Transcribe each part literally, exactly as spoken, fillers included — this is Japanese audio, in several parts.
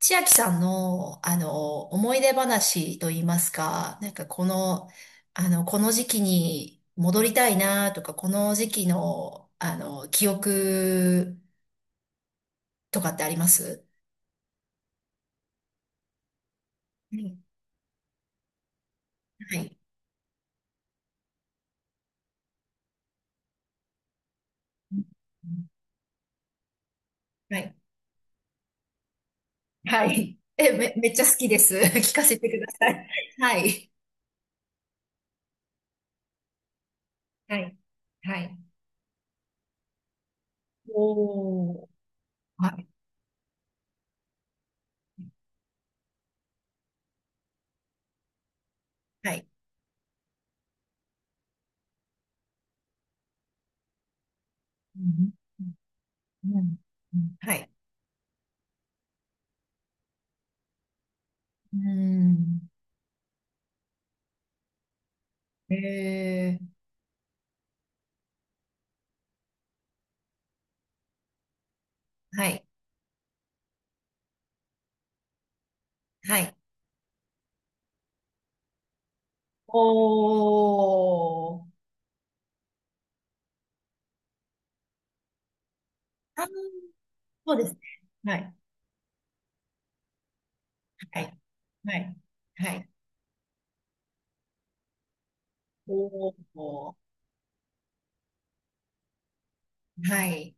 千秋さんの、あの、思い出話といいますか、なんかこの、あの、この時期に戻りたいなとか、この時期の、あの、記憶とかってあります。うん、はい。はい。はい。え、め、めっちゃ好きです。聞かせてください。はい。はい。はい。おー。はい。はい。うん。うん。うん、はい。うん。えー。はい。はい。おー。あー、そうですね。はい。はい。はい。はい。おお。はい。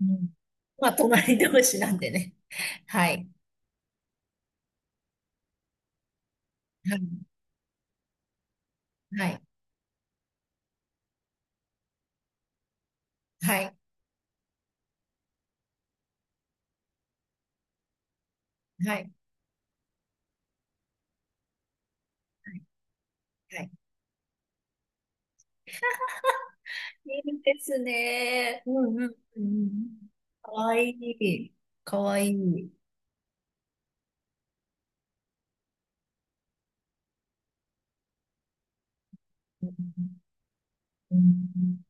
うん。まあ、隣同士なんでね。はい。はい。はい。はい。はい。はい。いいですね。うん、うん、うん。かわいい。かわいい。うん、うん、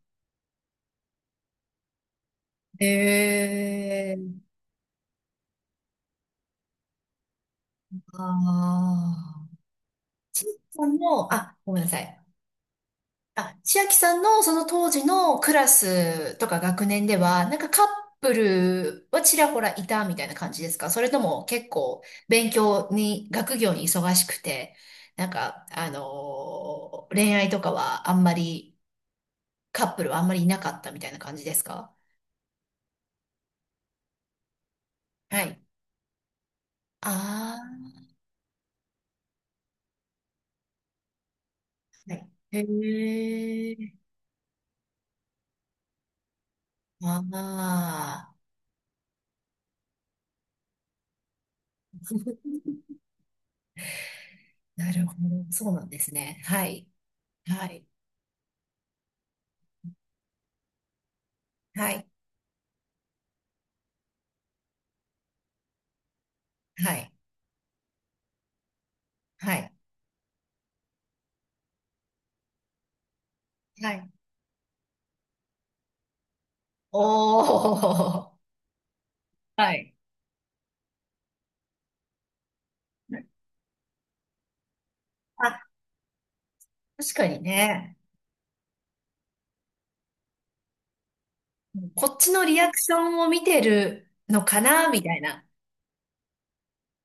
えー。ああ。ちいちゃんも、あ、ごめんなさい。あ、千秋さんのその当時のクラスとか学年では、なんかカップルはちらほらいたみたいな感じですか？それとも結構勉強に、学業に忙しくて、なんか、あのー恋愛とかはあんまり、カップルはあんまりいなかったみたいな感じですか？はい。ああ、はい。へえ、ああ、なるほど。そうなんですね。はい。はい。はい。はい。はい。はい。おー。はい。あ、確かにね。こっちのリアクションを見てるのかな、みたいな。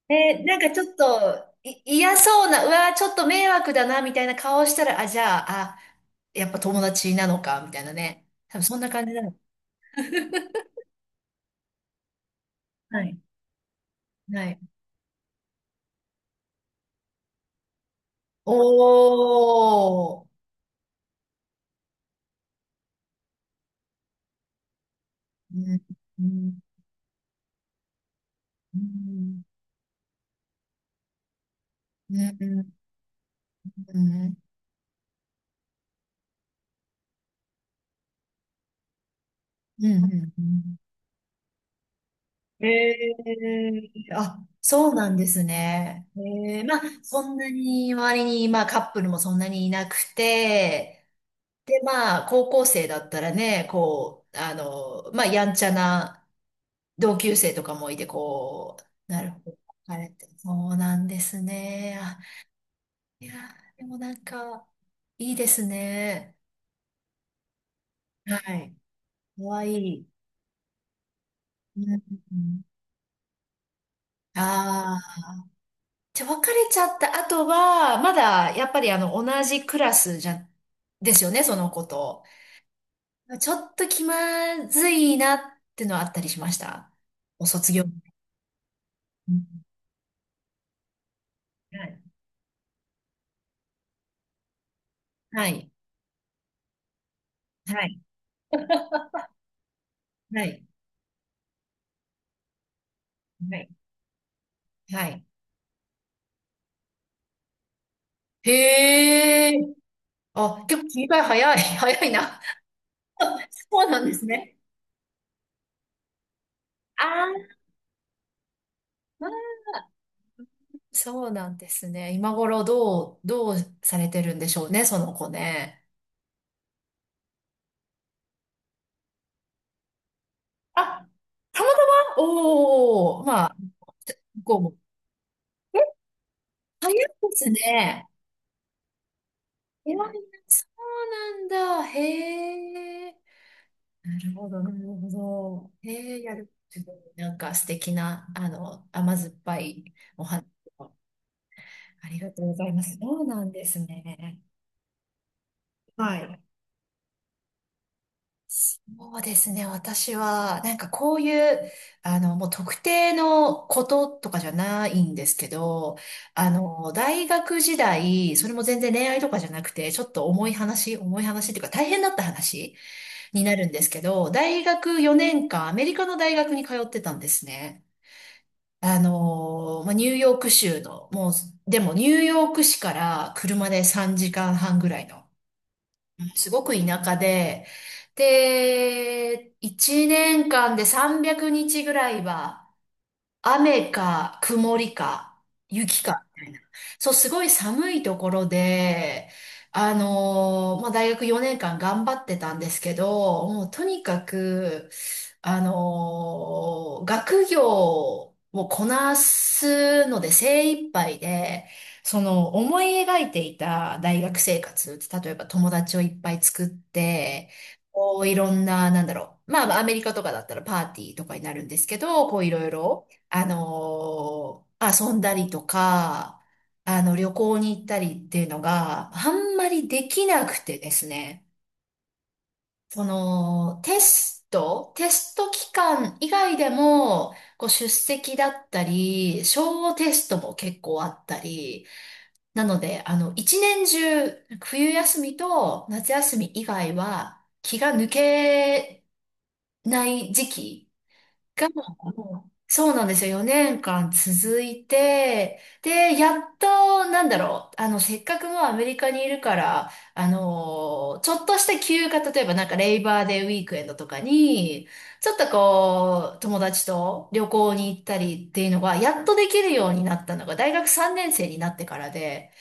え、なんかちょっと、い、嫌そうな、うわー、ちょっと迷惑だな、みたいな顔したら、あ、じゃあ、あ、やっぱ友達なのか、みたいなね。多分そんな感じなの。はい。はい。おー。うん。うん。うん。うん。うん。うん。うん。ええ、あ、そうなんですね。ええ、まあ、そんなに周りに、まあ、カップルもそんなにいなくて、で、まあ、高校生だったらね、こう、あの、まあ、やんちゃな同級生とかもいて、こう、なるほど、あれって、そうなんですね。あ、いやー、でもなんか、いいですね。はい。かわいい。うん、あ、じゃあ、別れちゃった後は、まだ、やっぱりあの、同じクラスじゃ、ですよね、その子と。ちょっと気まずいなってのはあったりしました？お卒業。う、はい。はい。はい。はい。はい。へえ。あ、結構切り替え早い。早いな。そうなんですね。あー、あー、そうなんですね。今頃どう、どうされてるんでしょうね、その子ね。あ、たまたま、おー、まあ、こうも、早いですね。いやいや、そうなんだ。へえ。なるほど、なるほど。へえ、やる。なんか素敵な、あの、甘酸っぱいお話をありがとうございます。そうなんですね。はい。そうですね。私は、なんかこういう、あの、もう特定のこととかじゃないんですけど、あの、大学時代、それも全然恋愛とかじゃなくて、ちょっと重い話、重い話っていうか大変だった話になるんですけど、大学よねんかん、アメリカの大学に通ってたんですね。あの、まあ、ニューヨーク州の、もう、でもニューヨーク市から車でさんじかんはんぐらいのすごく田舎で、で、いちねんかんでさんびゃくにちぐらいは、雨か曇りか雪かみたいな。そう、すごい寒いところで、あのーまあ、大学よねんかん頑張ってたんですけど、もうとにかく、あのー学業をこなすので精一杯で、その思い描いていた大学生活って例えば友達をいっぱい作って、こういろんな、なんだろう。まあ、アメリカとかだったらパーティーとかになるんですけど、こういろいろ。あのー遊んだりとか、あの、旅行に行ったりっていうのがあんまりできなくてですね。その、テスト、テスト期間以外でも、こう出席だったり、小テストも結構あったり、なので、あの、一年中、冬休みと夏休み以外は気が抜けない時期がもう、そうなんですよ。よねんかん続いて、で、やっと、なんだろう、あの、せっかくもうアメリカにいるから、あの、ちょっとした休暇、例えばなんかレイバーデーウィークエンドとかに、ちょっとこう、友達と旅行に行ったりっていうのが、やっとできるようになったのが、大学さんねん生になってからで、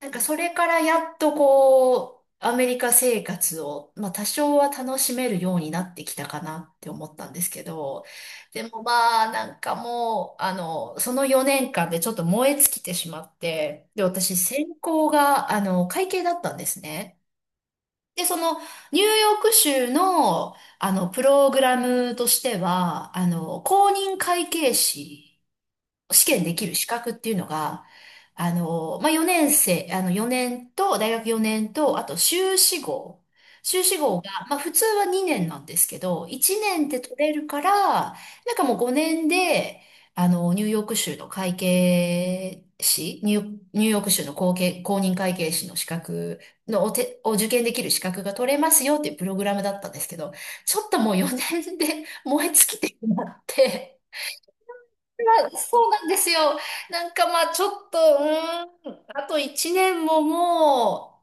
なんかそれからやっとこう、アメリカ生活を、まあ多少は楽しめるようになってきたかなって思ったんですけど、でもまあなんかもう、あの、そのよねんかんでちょっと燃え尽きてしまって、で、私専攻が、あの、会計だったんですね。で、その、ニューヨーク州の、あの、プログラムとしては、あの、公認会計士、試験できる資格っていうのが、あの、まあ、よねん生、あの、よねんと、大学よねんと、あと修士号。修士号が、まあ、普通はにねんなんですけど、いちねんで取れるから、なんかもうごねんで、あの、ニューヨーク州の会計士、ニューヨークニューヨーク州の公計、公認会計士の資格のお手、を受験できる資格が取れますよっていうプログラムだったんですけど、ちょっともうよねんで燃え尽きてしまって、まあそうなんですよ。なんかまあちょっと、うーん、あといちねんもも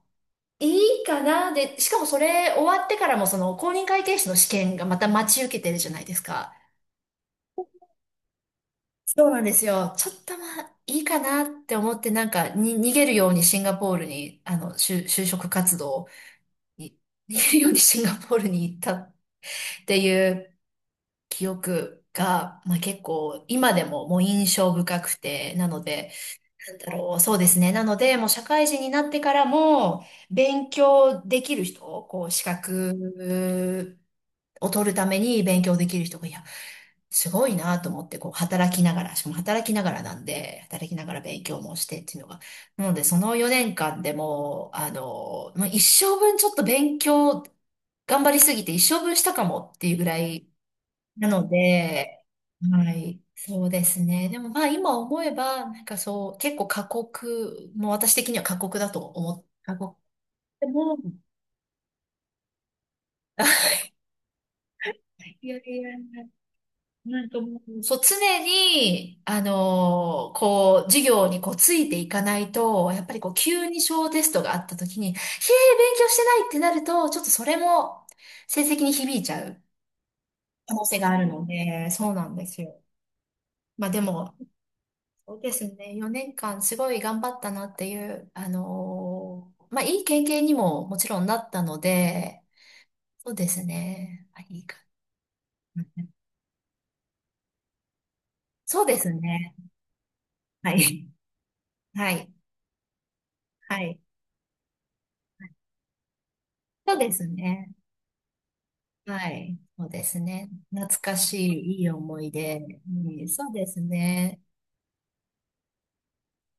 ういいかな。で、しかもそれ終わってからもその公認会計士の試験がまた待ち受けてるじゃないですか。そうなんですよ。ちょっとまあいいかなって思ってなんかに逃げるようにシンガポールに、あの、就、就職活動に、逃げるようにシンガポールに行ったっていう記憶が、まあ結構今でももう印象深くて、なので、だろう。そうですね。なので、もう社会人になってからも、勉強できる人、こう、資格を取るために勉強できる人が、いや、すごいなと思って、こう、働きながら、しかも働きながらなんで、働きながら勉強もしてっていうのが。なので、そのよねんかんでもう、あの、もう一生分ちょっと勉強、頑張りすぎて一生分したかもっていうぐらい、なので、はい、そうですね。でもまあ今思えば、なんかそう、結構過酷、もう私的には過酷だと思って、過酷。でも、いやいや、なんかもう、そう、常に、あのーこう、授業にこう、ついていかないと、やっぱりこう、急に小テストがあった時に、へえ、勉強してないってなると、ちょっとそれも、成績に響いちゃう可能性があるので、そうなんですよ。まあでも、そうですね。よねんかんすごい頑張ったなっていう、あのーまあ、いい経験にももちろんなったので、そうですね。はい、いいか。うん、そうですね。はい。はい。はい。そうですね。はい。そうですね。懐かしい、いい思い出。うん、そうですね。